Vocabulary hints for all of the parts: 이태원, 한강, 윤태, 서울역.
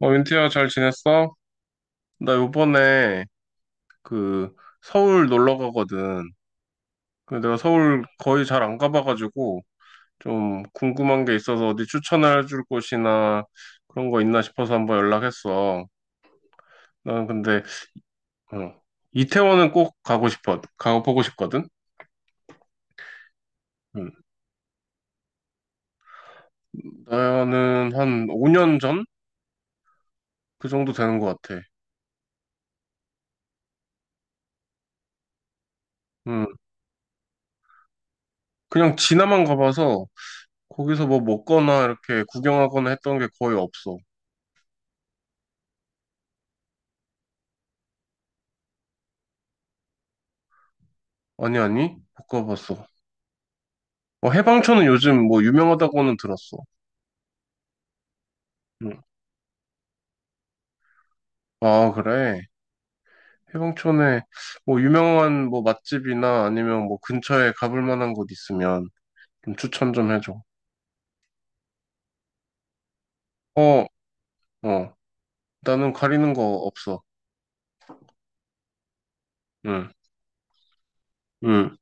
어, 윤태야, 잘 지냈어? 나 요번에 그 서울 놀러 가거든. 근데 내가 서울 거의 잘 안 가봐가지고 좀 궁금한 게 있어서 어디 추천해 줄 곳이나 그런 거 있나 싶어서 한번 연락했어. 난 근데 어, 이태원은 꼭 가고 싶어. 가보고 싶거든. 응. 나는 한 5년 전? 그 정도 되는 것 같아. 응. 그냥 지나만 가봐서 거기서 뭐 먹거나 이렇게 구경하거나 했던 게 거의 없어. 아니, 아니? 못 가봤어. 어, 해방촌은 요즘 뭐 유명하다고는 들었어. 응. 아, 그래. 해방촌에 뭐 유명한 뭐 맛집이나 아니면 뭐 근처에 가볼 만한 곳 있으면 좀 추천 좀 해줘. 어, 어. 나는 가리는 거 없어. 응, 응.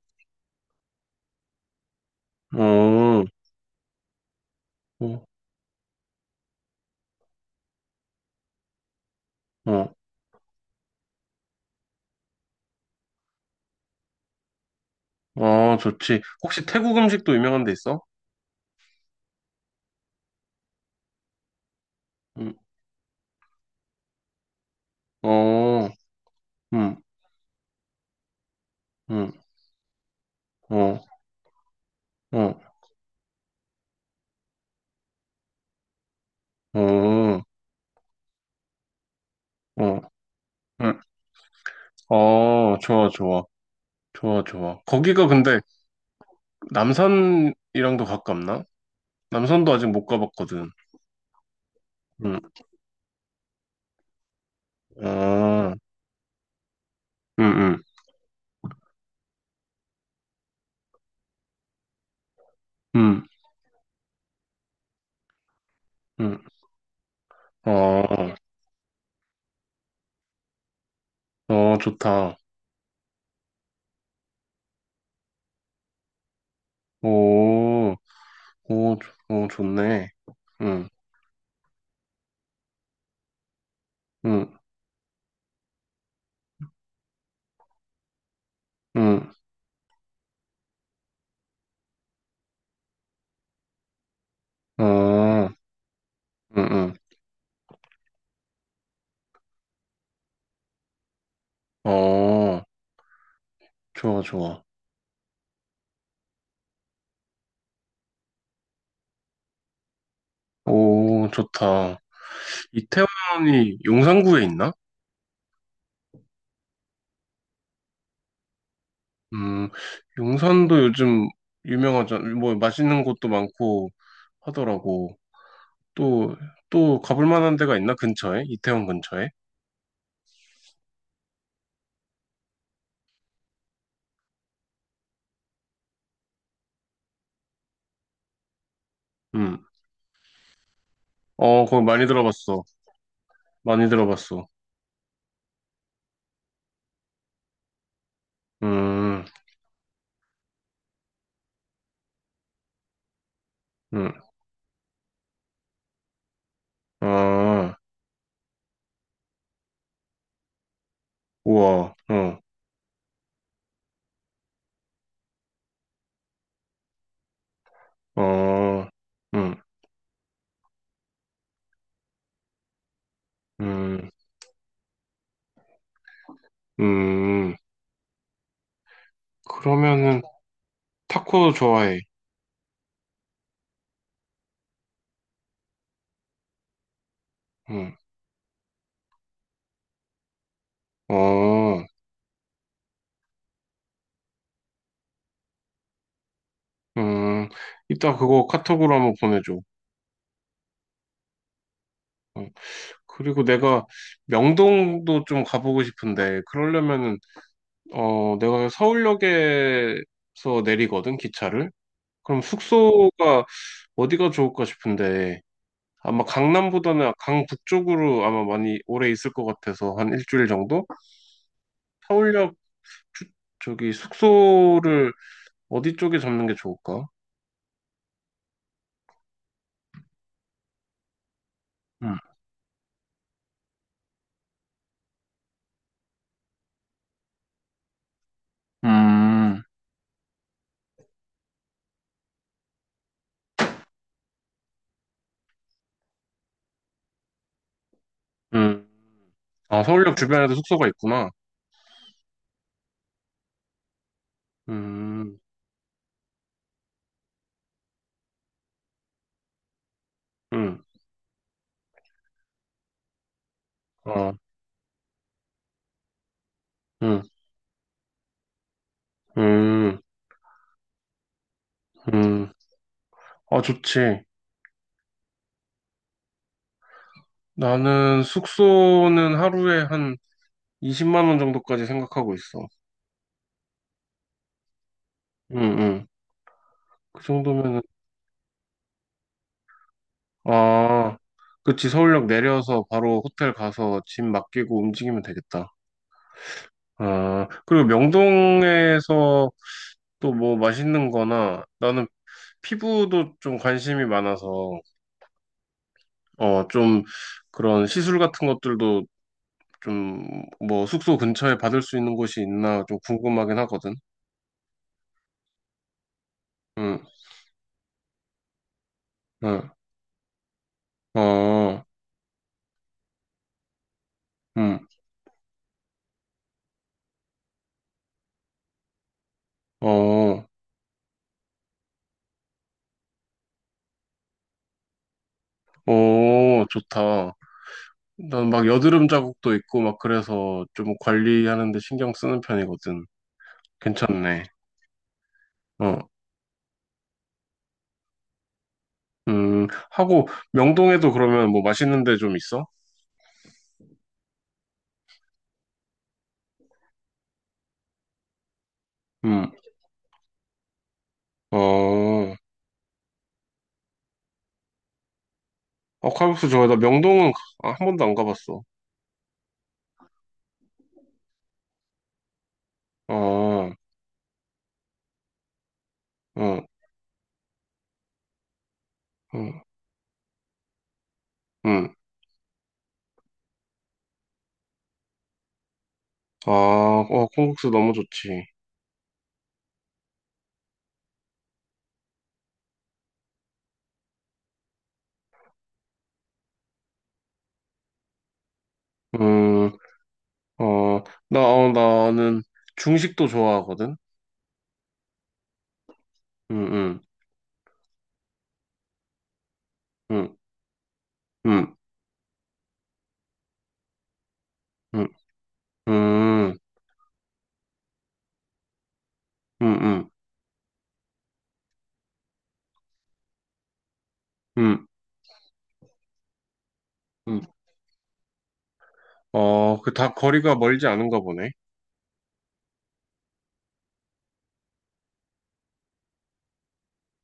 어, 어, 어. 어, 좋지. 혹시 태국 음식도 유명한 데 있어? 응, 어, 응, 응, 어, 어, 어, 어, 응. 어, 좋아, 좋아. 좋아, 좋아. 거기가 근데 남산이랑도 가깝나? 남산도 아직 못 가봤거든. 응, 아, 응, 응, 응, 응. 어, 어, 좋다. 오, 오, 오, 좋네. 응, 응, 응, 아, 응, 응. 어, 좋아, 좋아. 오, 좋다. 이태원이 용산구에 있나? 음, 용산도 요즘 유명하잖아. 뭐, 맛있는 곳도 많고 하더라고. 또, 또 가볼 만한 데가 있나? 근처에? 이태원 근처에? 음. 어, 거기 많이 들어봤어. 많이 들어봤어. 음, 음, 아, 우와, 어, 어, 음, 음, 음. 그러면은, 타코 좋아해. 음, 어, 음. 이따 그거 카톡으로 한번 보내줘. 어, 그리고 내가 명동도 좀 가보고 싶은데, 그러려면은, 어, 내가 서울역에서 내리거든, 기차를. 그럼 숙소가 어디가 좋을까 싶은데 아마 강남보다는 강북쪽으로 아마 많이 오래 있을 것 같아서 한 일주일 정도? 서울역 주- 저기 숙소를 어디 쪽에 잡는 게 좋을까? 음, 음, 음. 아, 서울역 주변에도 숙소가 있구나. 음, 음, 아, 음, 음, 음. 아, 좋지. 나는 숙소는 하루에 한 20만 원 정도까지 생각하고 있어. 음, 음. 그 정도면 아, 그치. 서울역 내려서 바로 호텔 가서 짐 맡기고 움직이면 되겠다. 아, 그리고 명동에서 또 뭐 맛있는 거나 나는 피부도 좀 관심이 많아서 어, 좀 그런 시술 같은 것들도 좀 뭐 숙소 근처에 받을 수 있는 곳이 있나 좀 궁금하긴 하거든. 응, 응, 어, 응, 어, 오, 좋다. 난 막 여드름 자국도 있고 막 그래서 좀 관리하는 데 신경 쓰는 편이거든. 괜찮네. 어. 하고 명동에도 그러면 뭐 맛있는 데 좀 있어? 음. 어. 어, 칼국수 좋아해. 나 명동은 아, 한 번도 안 가봤어. 아, 어, 어, 음. 음. 아, 어, 콩국수 너무 좋지. 음, 어, 나, 어, 나는 중식도 좋아하거든. 음, 음, 음, 음, 음, 음, 음, 음, 음. 음. 어, 그 다 거리가 멀지 않은가 보네.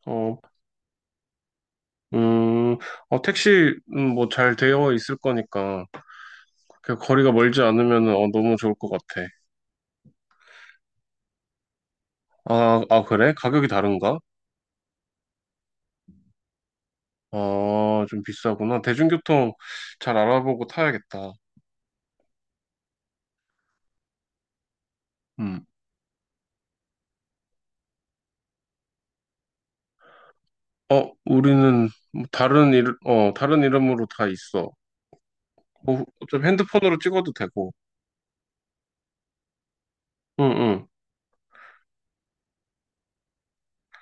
어, 음, 어, 택시, 뭐잘 되어 있을 거니까, 그 거리가 멀지 않으면, 어, 너무 좋을 것 같아. 아, 아, 그래? 가격이 다른가? 아, 좀 비싸구나. 대중교통 잘 알아보고 타야겠다. 음. 어, 우리는 뭐 다른 일, 어, 다른 이름으로 다 있어. 어, 좀 핸드폰으로 찍어도 되고. 응, 응.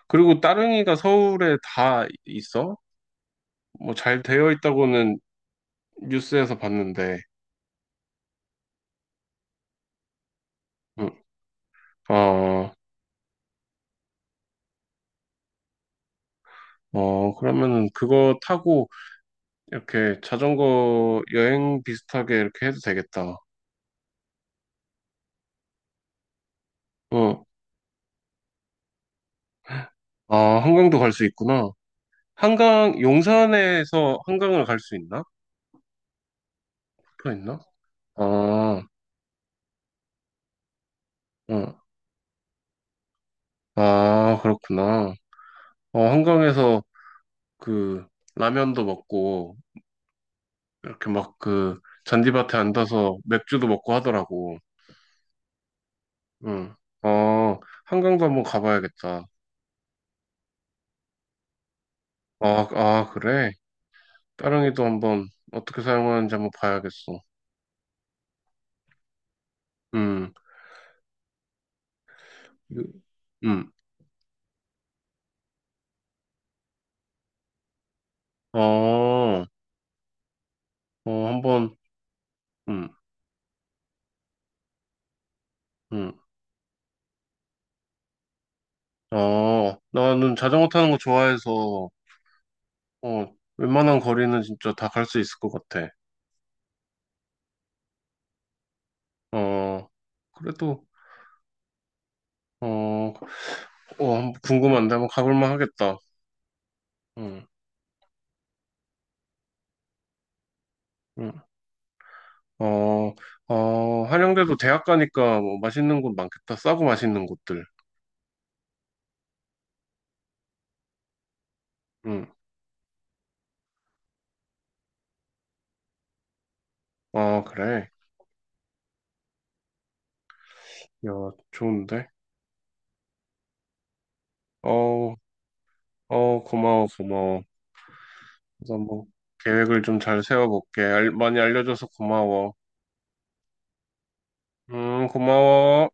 그리고 따릉이가 서울에 다 있어? 뭐 잘 되어 있다고는 뉴스에서 봤는데. 응. 아, 어, 그러면은 그거 타고 이렇게 자전거 여행 비슷하게 이렇게 해도 되겠다. 어, 아, 한강도 갈 수 있구나. 한강, 용산에서 한강을 갈 수 있나? 붙어 있나? 아, 어, 아, 그렇구나. 어, 한강에서 그 라면도 먹고 이렇게 막 그 잔디밭에 앉아서 맥주도 먹고 하더라고. 응. 어, 한강도 한번 가봐야겠다. 아, 아, 그래? 따릉이도 한번 어떻게 사용하는지 한번 봐야겠어. 음, 음, 어, 어, 한번, 음, 음, 어, 나는 자전거 타는 거 좋아해서, 어, 웬만한 거리는 진짜 다 갈 수 있을 것 같아. 어, 그래도, 어, 어, 한번 궁금한데 한번 가볼만 하겠다. 음, 음, 어, 어, 한양대도 대학 가니까 뭐 맛있는 곳 많겠다. 싸고 맛있는 곳들. 음, 아, 그래. 야, 좋은데? 어, 어, 고마워, 고마워. 그래서 뭐 계획을 좀 잘 세워볼게. 많이 알려줘서 고마워. 고마워.